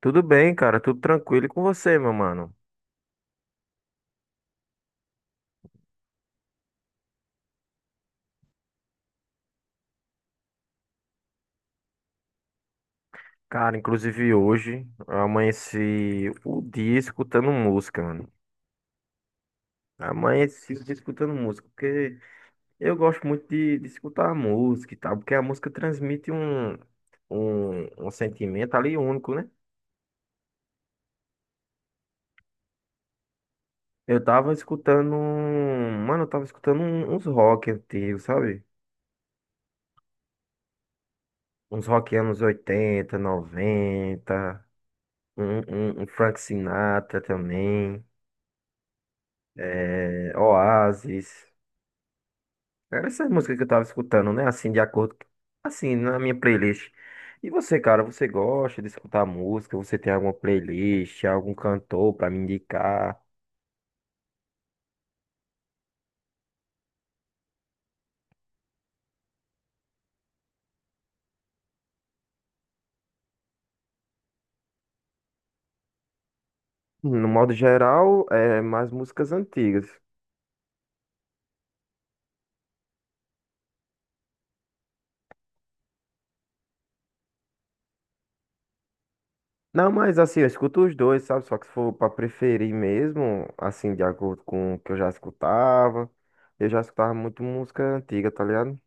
Tudo bem, cara, tudo tranquilo e com você, meu mano. Cara, inclusive hoje eu amanheci o dia escutando música, mano. Amanheci o dia escutando música, porque eu gosto muito de escutar a música e tal, porque a música transmite um sentimento ali único, né? Eu tava escutando, mano, eu tava escutando uns rock antigos, sabe? Uns rock anos 80 90 um, Frank Sinatra também. É, Oasis. Era essas músicas que eu tava escutando, né? Assim, de acordo, assim, na minha playlist. E você, cara, você gosta de escutar música? Você tem alguma playlist, algum cantor pra me indicar? No modo geral, é mais músicas antigas. Não, mas assim, eu escuto os dois, sabe? Só que se for pra preferir mesmo, assim, de acordo com o que eu já escutava muito música antiga, tá ligado?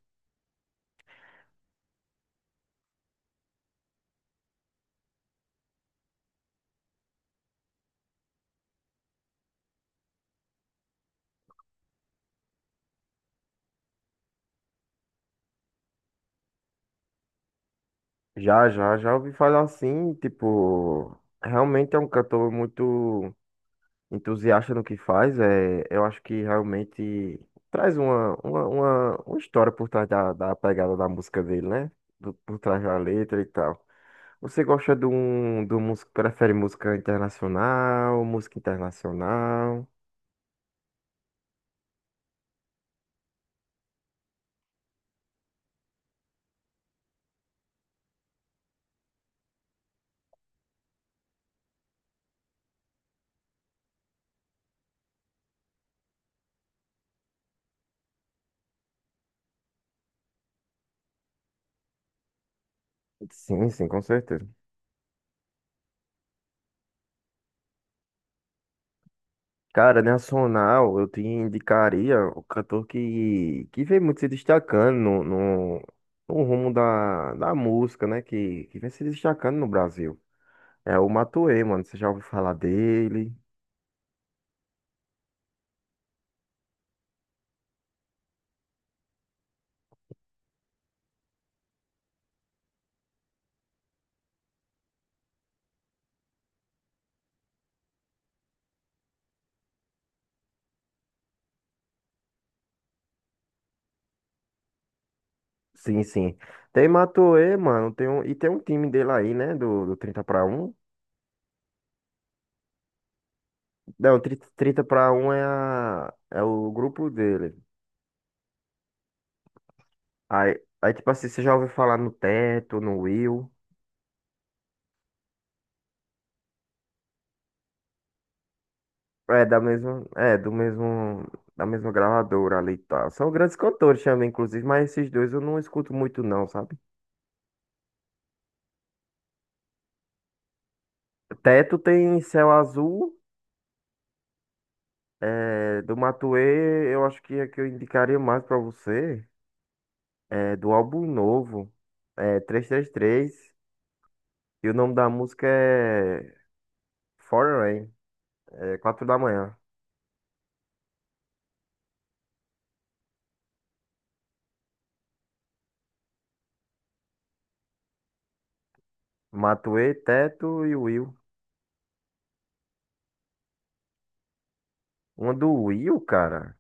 Já, ouvi falar assim, tipo, realmente é um cantor muito entusiasta no que faz. É, eu acho que realmente traz uma história por trás da pegada da música dele, né? Por trás da letra e tal. Você gosta de um, do músico, prefere música internacional, música internacional? Sim, sim, com certeza. Cara, nacional, eu te indicaria o cantor que vem muito se destacando no rumo da música, né? Que vem se destacando no Brasil. É o Matuê, mano. Você já ouviu falar dele? Sim, sim. Tem Matuê, mano. Tem um, e tem um time dele aí, né? Do 30 para um. Não, trinta para um é o grupo dele. Aí, aí, tipo assim, você já ouviu falar no Teto, no Will. É da mesma, é do mesmo, Da mesma gravadora ali e tal. São grandes cantores também, inclusive, mas esses dois eu não escuto muito não, sabe? Teto tem Céu Azul, é, do Matuê, eu acho que é que eu indicaria mais pra você, é do álbum novo, é 333, e 33, e o nome da música é Foreign, Rain, é 4 da manhã. Matuê, Teto e Will. Uma do Will, cara.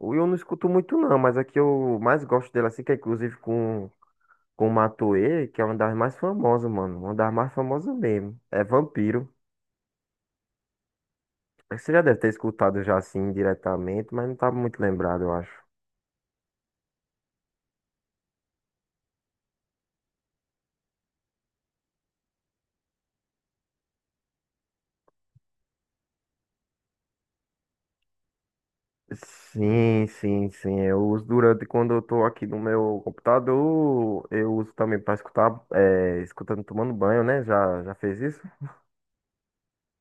O Will eu não escuto muito não, mas a que eu mais gosto dele assim, que é inclusive com Matoê, que é uma das mais famosas, mano. Uma das mais famosas mesmo. É Vampiro. Você já deve ter escutado já assim diretamente, mas não tá muito lembrado, eu acho. Sim, sim, sim. Eu uso durante quando eu tô aqui no meu computador, eu uso também pra escutar, é, escutando tomando banho, né? Já, já fez isso?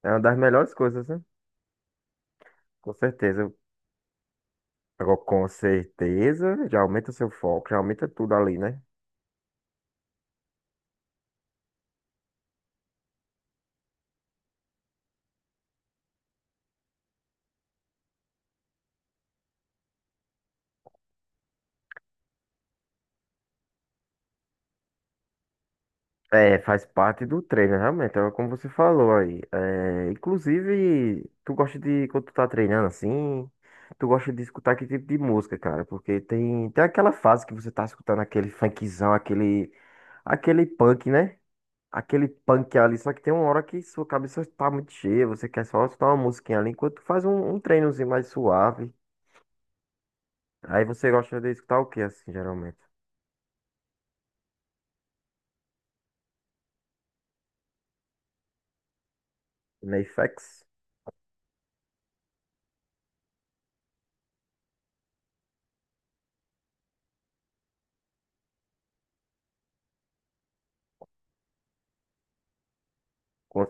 É uma das melhores coisas, né? Com certeza. Agora, com certeza, já aumenta o seu foco, já aumenta tudo ali, né? É, faz parte do treino, realmente, é como você falou aí. É, inclusive, tu gosta de, quando tu tá treinando assim, tu gosta de escutar que tipo de música, cara? Porque tem aquela fase que você tá escutando aquele funkzão, aquele, aquele punk, né? Aquele punk ali, só que tem uma hora que sua cabeça tá muito cheia, você quer só escutar uma musiquinha ali, enquanto tu faz um treinozinho mais suave. Aí você gosta de escutar o que, assim, geralmente? Neyfax?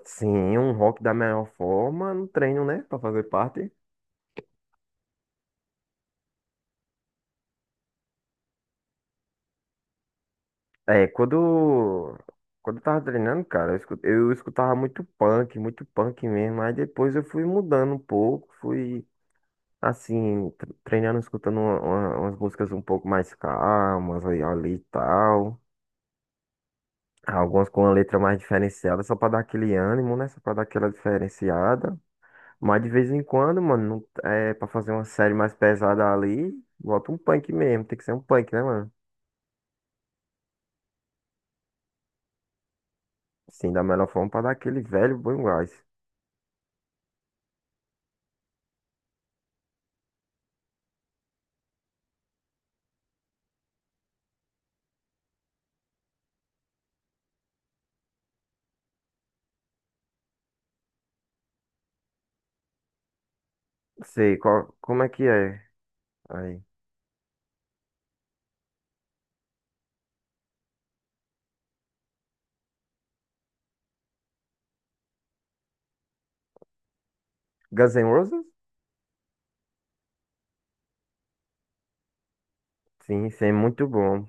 Sim, um rock da melhor forma no treino, né? Pra fazer parte. É, quando eu tava treinando, cara, eu escutava muito punk mesmo. Aí depois eu fui mudando um pouco, fui, assim, treinando, escutando umas músicas um pouco mais calmas aí, ali e tal. Algumas com uma letra mais diferenciada, só pra dar aquele ânimo, né? Só pra dar aquela diferenciada. Mas de vez em quando, mano, é pra fazer uma série mais pesada ali, bota um punk mesmo. Tem que ser um punk, né, mano? Sim, da melhor forma para dar aquele velho bom gás. Não sei, qual, como é que é? Aí. Guns N' Roses? Sim, sim, muito bom.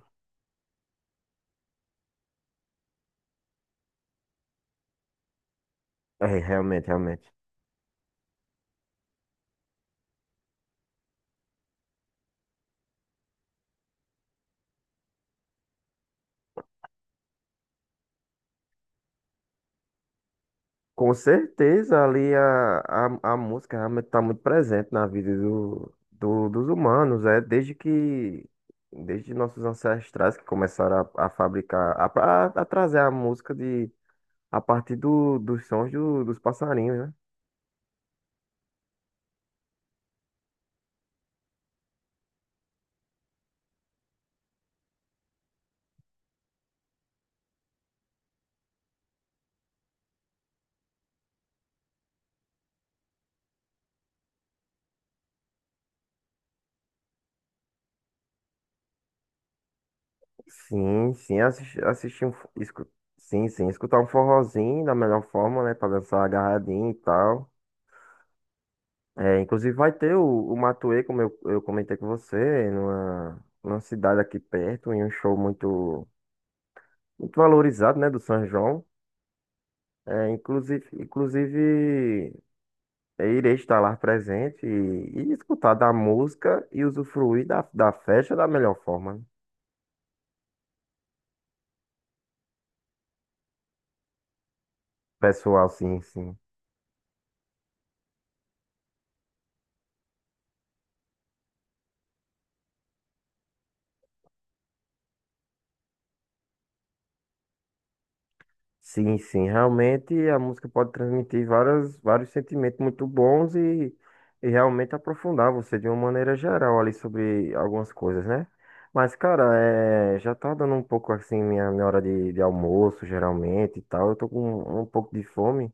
É, realmente, realmente. Com certeza ali a música realmente está muito presente na vida dos humanos, é desde que desde nossos ancestrais que começaram a fabricar, a trazer a música de a partir dos sons dos passarinhos, né? Sim, sim, assisti, assisti um. Fo- Escu, sim, sim, escutar um forrozinho da melhor forma, né? Pra dançar agarradinho e tal. É, inclusive vai ter o Matuê, como eu comentei com você, numa cidade aqui perto, em um show muito, muito valorizado, né, do São João. É, inclusive, eu irei estar lá presente e escutar da música e usufruir da festa da melhor forma, né? Pessoal, sim, sim. Sim, sim, realmente a música pode transmitir várias, vários sentimentos muito bons e realmente aprofundar você de uma maneira geral ali sobre algumas coisas, né? Mas, cara, é, já tá dando um pouco assim minha hora de almoço, geralmente e tal. Eu tô com um pouco de fome.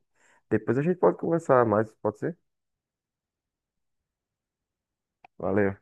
Depois a gente pode conversar mais, pode ser? Valeu.